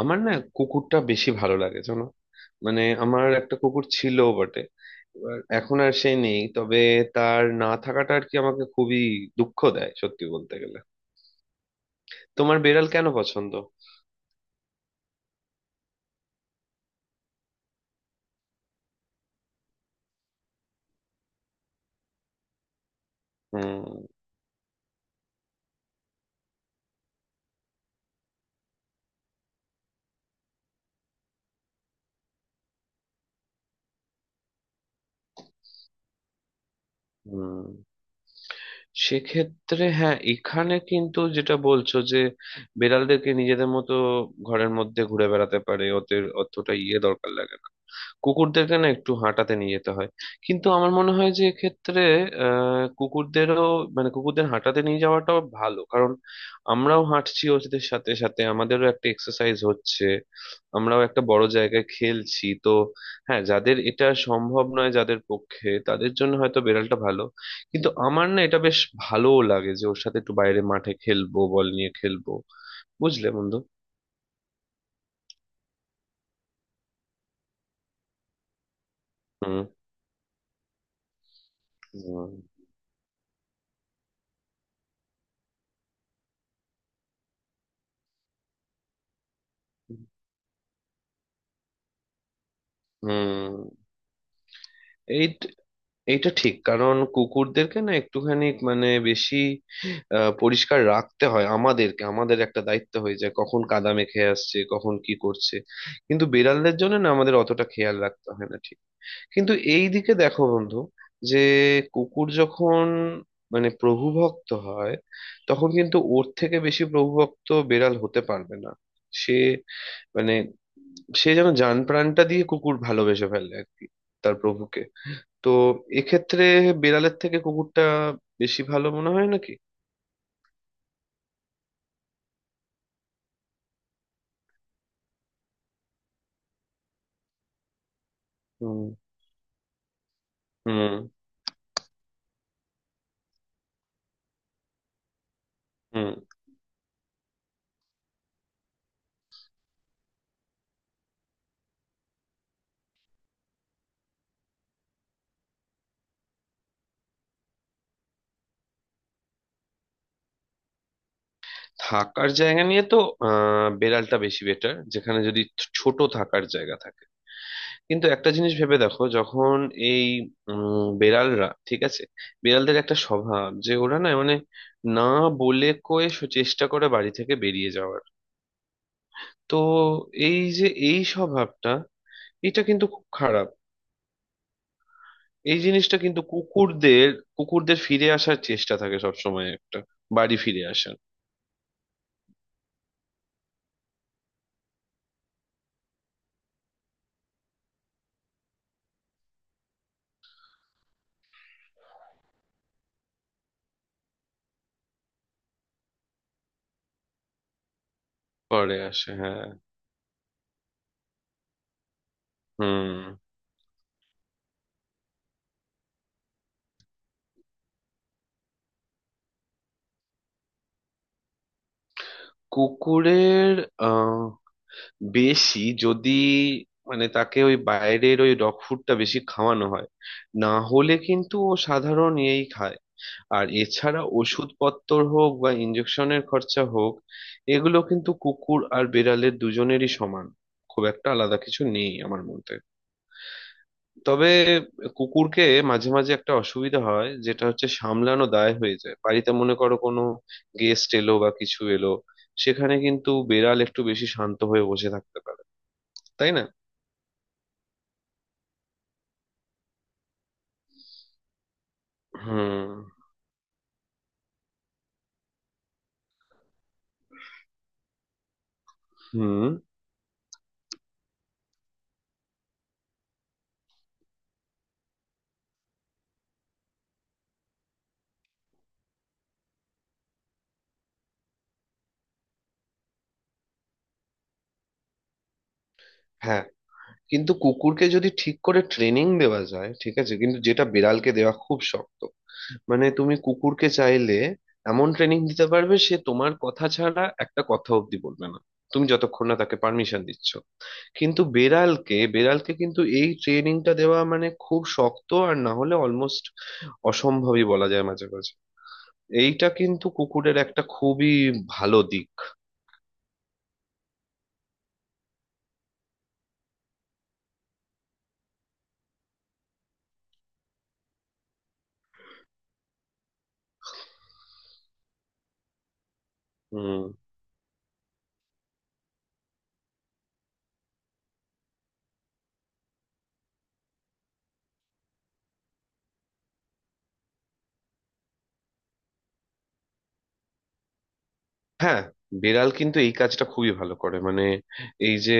আমার না কুকুরটা বেশি ভালো লাগে জানো। মানে আমার একটা কুকুর ছিল বটে, এবার এখন আর সে নেই। তবে তার না থাকাটা আর কি আমাকে খুবই দুঃখ দেয় সত্যি বলতে গেলে। তোমার বেড়াল কেন পছন্দ? হুম। হুম। সেক্ষেত্রে হ্যাঁ, এখানে কিন্তু যেটা বলছো যে বেড়ালদেরকে নিজেদের মতো ঘরের মধ্যে ঘুরে বেড়াতে পারে, ওদের অতটা ইয়ে দরকার লাগে না। কুকুরদেরকে না একটু হাঁটাতে নিয়ে যেতে হয়। কিন্তু আমার মনে হয় যে এক্ষেত্রে কুকুরদেরও, মানে কুকুরদের হাঁটাতে নিয়ে যাওয়াটাও ভালো কারণ আমরাও হাঁটছি ওদের সাথে সাথে, আমাদেরও একটা এক্সারসাইজ হচ্ছে, আমরাও একটা বড় জায়গায় খেলছি তো। হ্যাঁ, যাদের এটা সম্ভব নয় যাদের পক্ষে, তাদের জন্য হয়তো বেড়ালটা ভালো। কিন্তু আমার না এটা বেশ ভালোও লাগে যে ওর সাথে একটু বাইরে মাঠে খেলবো, বল নিয়ে খেলবো, বুঝলে বন্ধু। হুম। হুম। হুম। এই, এইটা ঠিক কারণ কুকুরদেরকে না একটুখানি মানে বেশি পরিষ্কার রাখতে হয়, আমাদেরকে, আমাদের একটা দায়িত্ব হয়ে যায় কখন কাদা মেখে আসছে কখন কি করছে। কিন্তু বিড়ালদের জন্য না আমাদের অতটা খেয়াল রাখতে হয় না ঠিক। কিন্তু এই দিকে দেখো বন্ধু যে কুকুর যখন মানে প্রভুভক্ত হয় তখন কিন্তু ওর থেকে বেশি প্রভুভক্ত বেড়াল হতে পারবে না। সে মানে সে যেন জান প্রাণটা দিয়ে কুকুর ভালোবেসে ফেলে আর কি, তার প্রভুকে। তো এক্ষেত্রে বেড়ালের থেকে কুকুরটা বেশি ভালো মনে হয় নাকি? হুম। হুম। হুম। থাকার জায়গা নিয়ে তো বেড়ালটা বেশি বেটার, যেখানে যদি ছোট থাকার জায়গা থাকে। কিন্তু একটা জিনিস ভেবে দেখো যখন এই বেড়ালরা ঠিক আছে, বেড়ালদের একটা স্বভাব যে ওরা না মানে না বলে কয়ে চেষ্টা করে বাড়ি থেকে বেরিয়ে যাওয়ার। তো এই যে এই স্বভাবটা এটা কিন্তু খুব খারাপ। এই জিনিসটা কিন্তু কুকুরদের, কুকুরদের ফিরে আসার চেষ্টা থাকে সবসময় একটা, বাড়ি ফিরে আসার। পরে আসে, হ্যাঁ। হুম। কুকুরের আহ, বেশি যদি মানে তাকে ওই বাইরের ওই ডগ ফুডটা বেশি খাওয়ানো হয়, না হলে কিন্তু ও সাধারণ ইয়েই খায়। আর এছাড়া ওষুধপত্র হোক বা ইঞ্জেকশনের খরচা হোক, এগুলো কিন্তু কুকুর আর বেড়ালের দুজনেরই সমান, খুব একটা আলাদা কিছু নেই আমার মতে। তবে কুকুরকে মাঝে মাঝে একটা অসুবিধা হয় যেটা হচ্ছে সামলানো দায় হয়ে যায়, বাড়িতে মনে করো কোনো গেস্ট এলো বা কিছু এলো, সেখানে কিন্তু বেড়াল একটু বেশি শান্ত হয়ে বসে থাকতে পারে, তাই না? হুম। হুম। হ্যাঁ, কিন্তু কুকুরকে যদি ঠিক করে ট্রেনিং দেওয়া যায় ঠিক আছে, কিন্তু যেটা বিড়ালকে দেওয়া খুব শক্ত। মানে তুমি কুকুরকে চাইলে এমন ট্রেনিং দিতে পারবে সে তোমার কথা ছাড়া একটা কথা অব্দি বলবে না, তুমি যতক্ষণ না তাকে পারমিশন দিচ্ছ। কিন্তু বেড়ালকে বেড়ালকে কিন্তু এই ট্রেনিংটা দেওয়া মানে খুব শক্ত, আর না হলে অলমোস্ট অসম্ভবই বলা যায় মাঝে মাঝে। এইটা কিন্তু কুকুরের একটা খুবই ভালো দিক। হুম। হ্যাঁ, বেড়াল কিন্তু এই কাজটা খুবই ভালো করে, মানে এই যে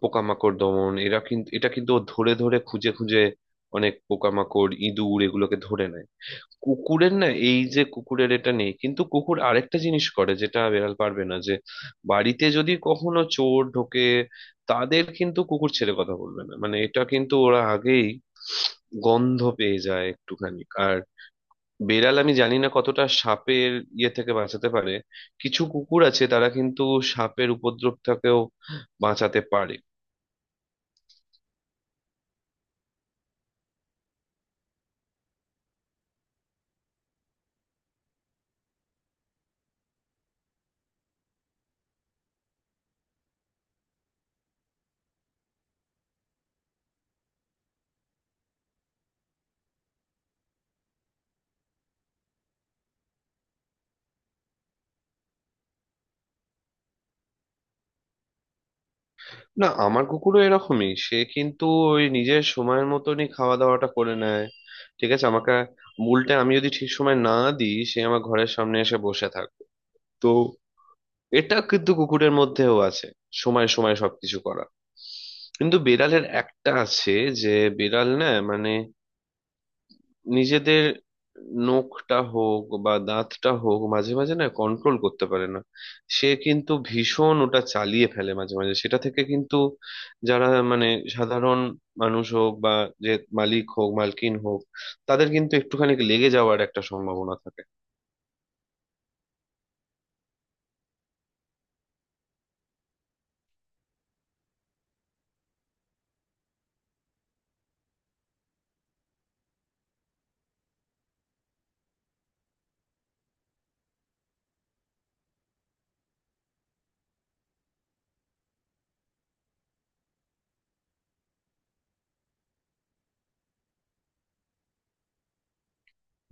পোকামাকড় দমন, এরা কিন্তু এটা কিন্তু ও ধরে ধরে খুঁজে খুঁজে অনেক পোকামাকড় ইঁদুর এগুলোকে ধরে নেয়। কুকুরের না এই যে কুকুরের এটা নেই, কিন্তু কুকুর আরেকটা জিনিস করে যেটা বেড়াল পারবে না যে বাড়িতে যদি কখনো চোর ঢোকে তাদের কিন্তু কুকুর ছেড়ে কথা বলবে না, মানে এটা কিন্তু ওরা আগেই গন্ধ পেয়ে যায় একটুখানি। আর বেড়াল আমি জানি না কতটা সাপের ইয়ে থেকে বাঁচাতে পারে, কিছু কুকুর আছে তারা কিন্তু সাপের উপদ্রব থেকেও বাঁচাতে পারে। না, আমার কুকুরও এরকমই, সে কিন্তু ওই নিজের সময়ের মতনই খাওয়া দাওয়াটা করে নেয় ঠিক আছে। আমাকে, উল্টে আমি যদি ঠিক সময় না দিই সে আমার ঘরের সামনে এসে বসে থাকবে। তো এটা কিন্তু কুকুরের মধ্যেও আছে, সময় সময় সবকিছু করা। কিন্তু বিড়ালের একটা আছে যে বিড়াল না মানে নিজেদের নখটা হোক বা দাঁতটা হোক মাঝে মাঝে না কন্ট্রোল করতে পারে না, সে কিন্তু ভীষণ ওটা চালিয়ে ফেলে মাঝে মাঝে, সেটা থেকে কিন্তু যারা মানে সাধারণ মানুষ হোক বা যে মালিক হোক মালকিন হোক, তাদের কিন্তু একটুখানি লেগে যাওয়ার একটা সম্ভাবনা থাকে।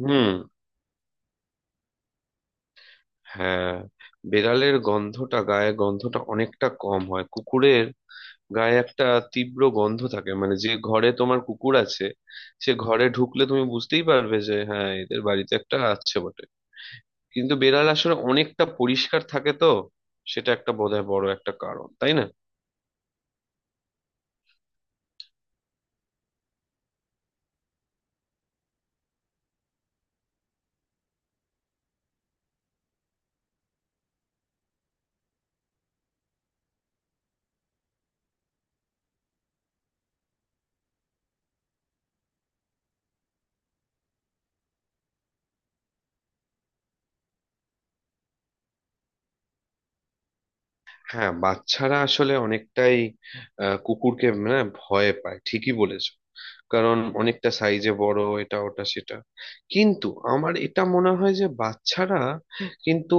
হুম। হ্যাঁ, বেড়ালের গন্ধটা গায়ে, গন্ধটা অনেকটা কম হয়, কুকুরের গায়ে একটা তীব্র গন্ধ থাকে। মানে যে ঘরে তোমার কুকুর আছে সে ঘরে ঢুকলে তুমি বুঝতেই পারবে যে হ্যাঁ এদের বাড়িতে একটা আছে বটে। কিন্তু বেড়াল আসলে অনেকটা পরিষ্কার থাকে তো, সেটা একটা বোধহয় বড় একটা কারণ, তাই না? হ্যাঁ, বাচ্চারা আসলে অনেকটাই কুকুরকে না ভয় পায় ঠিকই বলেছো, কারণ অনেকটা সাইজে বড় এটা ওটা সেটা। কিন্তু আমার এটা মনে হয় যে বাচ্চারা কিন্তু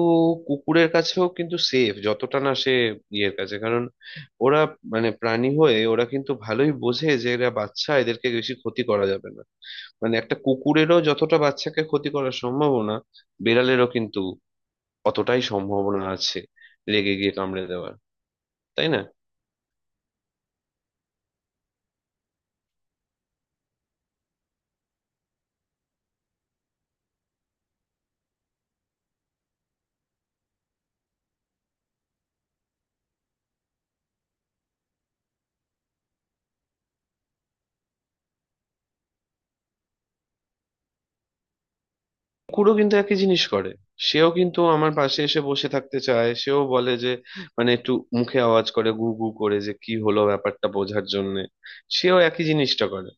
কুকুরের কাছেও কিন্তু সেফ, যতটা না সে ইয়ের কাছে, কারণ ওরা মানে প্রাণী হয়ে ওরা কিন্তু ভালোই বোঝে যে এরা বাচ্চা এদেরকে বেশি ক্ষতি করা যাবে না। মানে একটা কুকুরেরও যতটা বাচ্চাকে ক্ষতি করার সম্ভাবনা, বিড়ালেরও কিন্তু অতটাই সম্ভাবনা আছে রেগে গিয়ে কামড়ে দেওয়ার, তাই না? কুকুরও কিন্তু একই জিনিস করে, সেও কিন্তু আমার পাশে এসে বসে থাকতে চায়, সেও বলে যে মানে একটু মুখে আওয়াজ করে গু গু করে যে কি হলো ব্যাপারটা বোঝার জন্য। সেও একই জিনিসটা করে।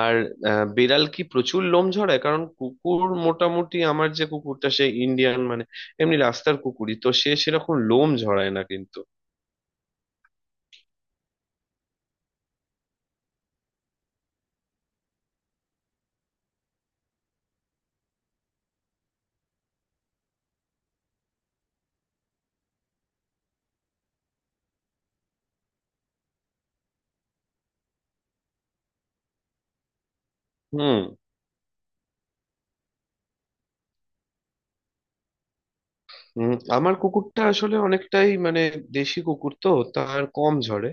আর বেড়াল কি প্রচুর লোম ঝরায়? কারণ কুকুর মোটামুটি, আমার যে কুকুরটা সে ইন্ডিয়ান মানে এমনি রাস্তার কুকুরই তো, সে সেরকম লোম ঝরায় না কিন্তু। হুম। আমার কুকুরটা আসলে অনেকটাই মানে দেশি কুকুর তো, তার কম ঝরে।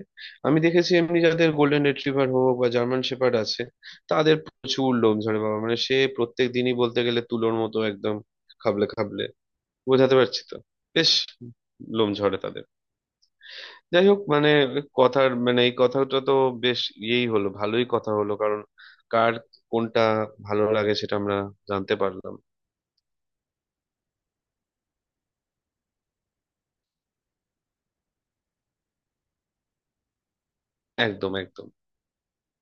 আমি দেখেছি এমনি যাদের গোল্ডেন রিট্রিভার হোক বা জার্মান শেপার্ড আছে তাদের প্রচুর লোম ঝরে বাবা, মানে সে প্রত্যেক দিনই বলতে গেলে তুলোর মতো একদম, খাবলে খাবলে, বোঝাতে পারছি তো? বেশ লোম ঝরে তাদের। যাই হোক মানে, কথার মানে এই কথাটা তো বেশ ইয়েই হলো, ভালোই কথা হলো কারণ কার, কোনটা ভালো লাগে সেটা আমরা জানতে পারলাম। একদম একদম।